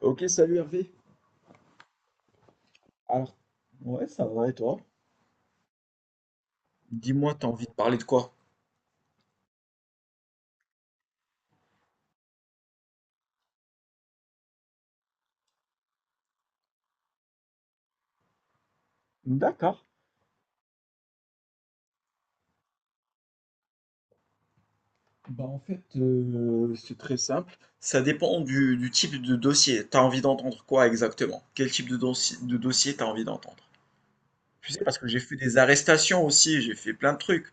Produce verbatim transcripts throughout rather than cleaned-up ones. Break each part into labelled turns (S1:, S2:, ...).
S1: OK, salut Hervé. Alors, ouais, ça va et toi? Dis-moi, t'as envie de parler de quoi? D'accord. Bah en fait, euh, c'est très simple. Ça dépend du, du type de dossier. T'as envie d'entendre quoi exactement? Quel type de, dossier de dossier t'as envie d'entendre? Tu sais, parce que j'ai fait des arrestations aussi, j'ai fait plein de trucs.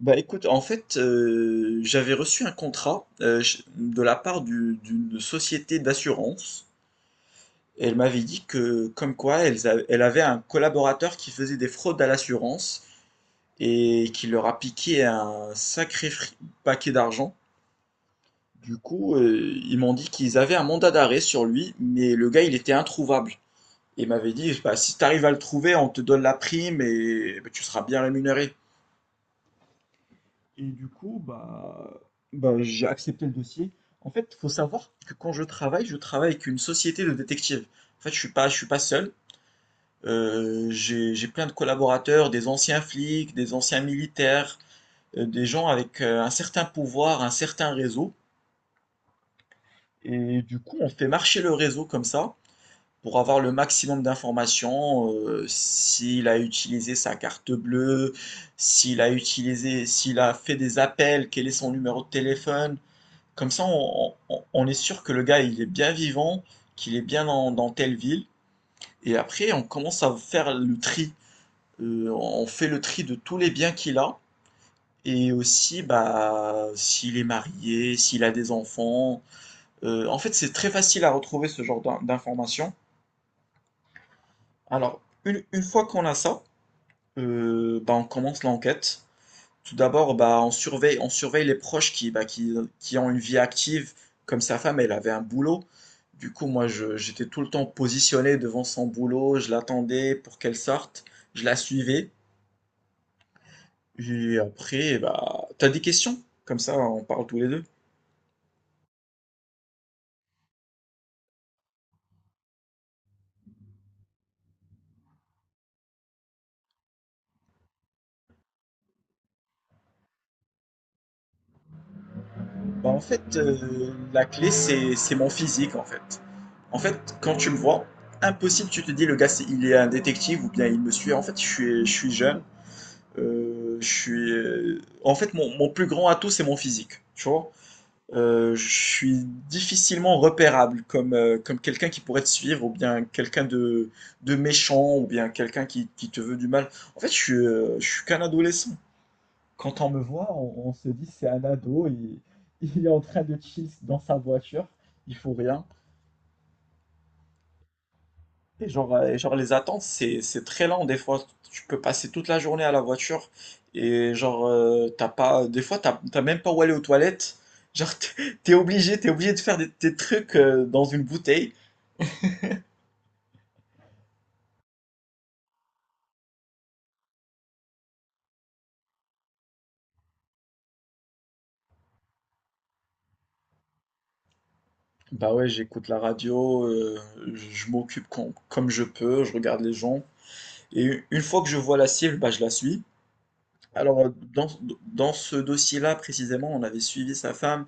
S1: Bah écoute, en fait, euh, j'avais reçu un contrat euh, ch- de la part du- d'une société d'assurance. Elle m'avait dit que, comme quoi, elles elle avait un collaborateur qui faisait des fraudes à l'assurance, et qui leur a piqué un sacré fri- paquet d'argent. Du coup, euh, ils m'ont dit qu'ils avaient un mandat d'arrêt sur lui, mais le gars, il était introuvable. Et il m'avait dit, bah, si tu arrives à le trouver, on te donne la prime et bah, tu seras bien rémunéré. Et du coup, bah, bah, j'ai accepté le dossier. En fait, il faut savoir que quand je travaille, je travaille avec une société de détectives. En fait, je suis pas, je suis pas seul. Euh, j'ai j'ai plein de collaborateurs, des anciens flics, des anciens militaires, euh, des gens avec euh, un certain pouvoir, un certain réseau. Et du coup, on fait marcher le réseau comme ça pour avoir le maximum d'informations, euh, s'il a utilisé sa carte bleue, s'il a utilisé, s'il a fait des appels, quel est son numéro de téléphone. Comme ça, on, on- on est sûr que le gars, il est bien vivant, qu'il est bien dans, dans telle ville. Et après, on commence à faire le tri. Euh, on fait le tri de tous les biens qu'il a. Et aussi, bah, s'il est marié, s'il a des enfants. Euh, en fait, c'est très facile à retrouver ce genre d'in- d'informations. Alors, une, une fois qu'on a ça, euh, bah, on commence l'enquête. Tout d'abord, bah, on surveille, on surveille les proches qui, bah, qui, qui ont une vie active, comme sa femme, elle avait un boulot. Du coup, moi, je- j'étais tout le temps positionné devant son boulot, je l'attendais pour qu'elle sorte, je la suivais. Et après, bah, t'as des questions? Comme ça, on parle tous les deux. Bah, en fait, heu, la clé, c'est c'est mon physique, en fait. En fait, quand tu me vois, impossible, tu te dis: «Le gars, c'est il est un détective ou bien il me suit». En fait, je suis je suis jeune, heu, je suis, heu, en fait, mon mon plus grand atout, c'est mon physique, tu vois? Heu, je suis difficilement repérable comme, heu, comme quelqu'un qui pourrait te suivre ou bien quelqu'un de de méchant ou bien quelqu'un qui qui te veut du mal. En fait, je suis, heu, je suis qu'un adolescent. Quand on me voit, on, on se dit c'est un ado, il, il est en train de chill dans sa voiture, il faut rien. Et genre, euh, et genre les attentes, c'est, c'est très lent des fois. Tu peux passer toute la journée à la voiture et genre, euh, t'as pas, des fois, t'as, t'as même pas où aller aux toilettes. Genre, t'es t'es obligé, t'es obligé de faire des, des trucs euh, dans une bouteille. Bah ouais, j'écoute la radio, euh, je je m'occupe com- comme je peux, je regarde les gens. Et une fois que je vois la cible, bah je la suis. Alors, euh, dans, dans ce dossier-là, précisément, on avait suivi sa femme.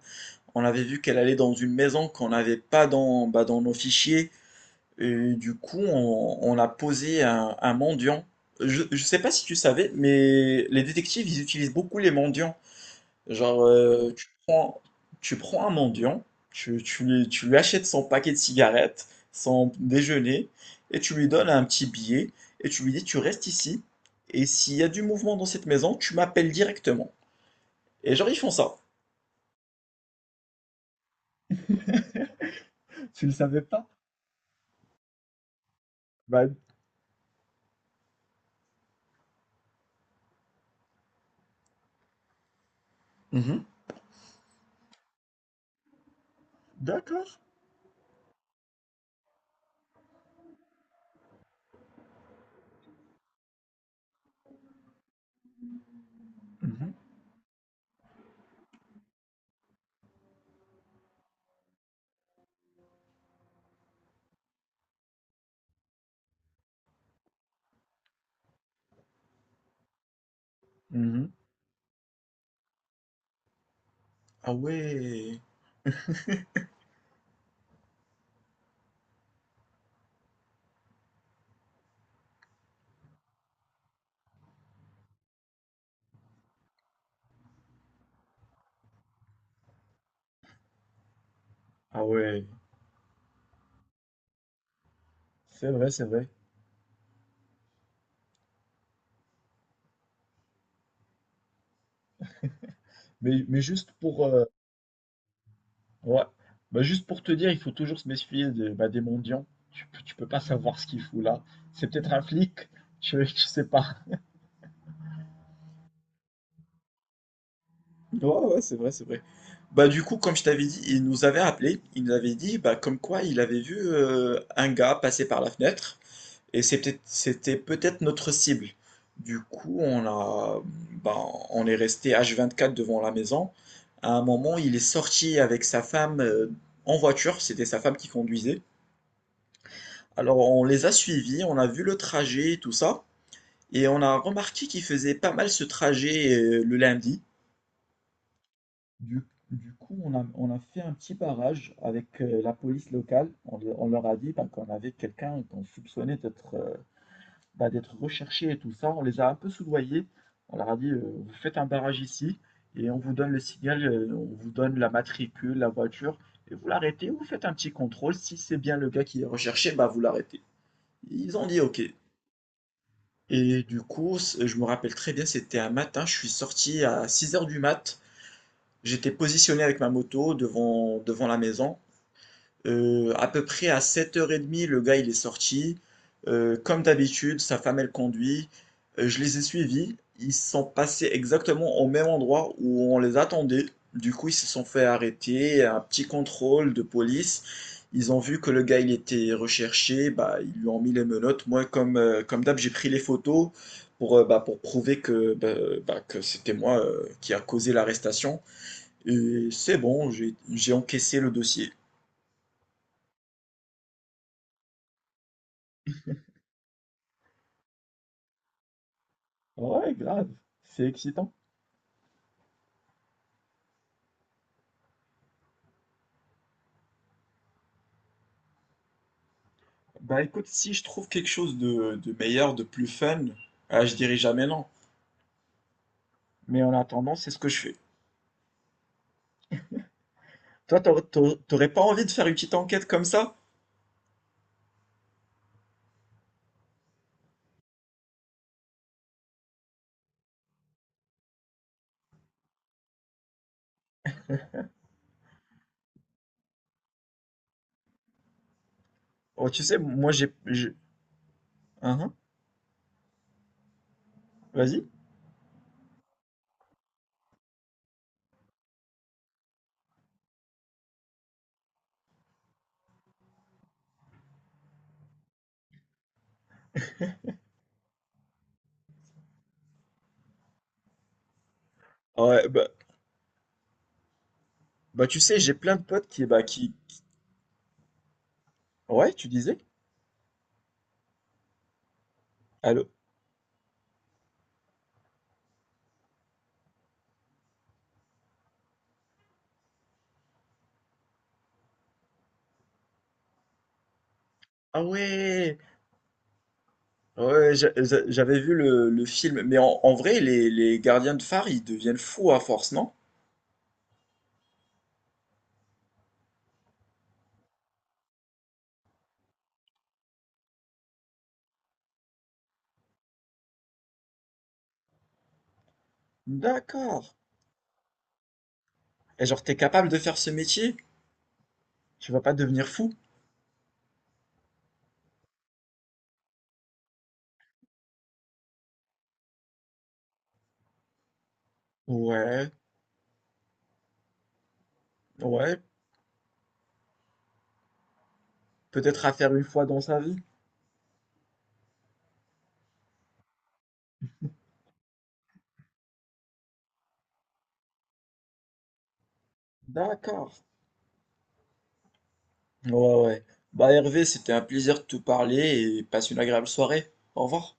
S1: On avait vu qu'elle allait dans une maison qu'on n'avait pas dans, bah, dans nos fichiers. Et du coup, on, on a posé un, un mendiant. Je ne sais pas si tu savais, mais les détectives, ils utilisent beaucoup les mendiants. Genre, heu, tu prends tu prends un mendiant, tu tu lui tu lui achètes son paquet de cigarettes, son déjeuner, et tu lui donnes un petit billet, et tu lui dis: «Tu restes ici, et s'il y a du mouvement dans cette maison, tu m'appelles directement», et genre, ils font ça. Tu le savais pas? Bah. Mmh, d'accord. Mmh mh. Mmh. Ah ouais! Ah ouais! C'est vrai, c'est vrai. Mais mais juste pour, heu ouais. Bah, juste pour te dire, il faut toujours se méfier de- bah, des mendiants. Tu peux, tu peux pas savoir ce qu'il fout là. C'est peut-être un flic, tu, tu sais pas. Ouais, ouais, c'est vrai, c'est vrai. Bah, du coup, comme je t'avais dit, il nous avait appelé, il nous avait dit, bah, comme quoi il avait vu euh, un gars passer par la fenêtre, et c'était, c'était peut-être notre cible. Du coup, on a, bah, on est resté h vingt-quatre devant la maison. À un moment, il est sorti avec sa femme euh, en voiture, c'était sa femme qui conduisait. Alors on les a suivis, on a vu le trajet, tout ça, et on a remarqué qu'ils faisaient pas mal ce trajet euh, le lundi. Du, du coup, on a, on a fait un petit barrage avec euh, la police locale. On, le- on leur a dit bah, qu'on avait quelqu'un qu'on soupçonnait d'être euh, bah, d'être recherché et tout ça. On les a un peu soudoyés. On leur a dit, euh, vous faites un barrage ici et on vous donne le signal, euh, on vous donne la matricule, la voiture, et vous l'arrêtez, vous faites un petit contrôle. Si c'est bien le gars qui est recherché, bah, vous l'arrêtez. Ils ont dit OK. Et du coup, c- je me rappelle très bien, c'était un matin, je suis sorti à six heures du mat. J'étais positionné avec ma moto devant, devant la maison. Euh, à peu près à sept heures trente, le gars il est sorti. Euh, comme d'habitude, sa femme elle conduit. Euh, je les ai suivis. Ils sont passés exactement au même endroit où on les attendait. Du coup, ils se sont fait arrêter, un petit contrôle de police. Ils ont vu que le gars il était recherché, bah, ils lui ont mis les menottes. Moi, comme, euh, comme d'hab, j'ai pris les photos pour, euh, bah, pour prouver que, bah, bah, que c'était moi euh, qui a causé l'arrestation. Et c'est bon, j'ai j'ai encaissé le dossier. Ouais, grave. C'est excitant. Bah écoute, si je trouve quelque chose de, de meilleur, de plus fun, ah, je dirais jamais non. Mais en attendant, c'est ce que je fais. Toi, t'aur- t'aur- t'aurais pas envie de faire une petite enquête comme ça? Oh, tu sais, moi j'ai... j'ai- Hein, hein. Vas-y. Ouais, bah, bah tu sais, j'ai plein de potes qui... Bah, qui... Ouais, tu disais? Allô? Ah ouais! Ouais, j'a- j'a- j'avais vu le, le film. Mais en, en vrai, les, les gardiens de phare, ils deviennent fous à force, non? D'accord. Et genre, t'es capable de faire ce métier? Tu vas pas devenir fou? Ouais, ouais, peut-être à faire une fois dans sa vie. D'accord. Ouais, ouais. Bah Hervé, c'était un plaisir de te parler et passe une agréable soirée. Au revoir.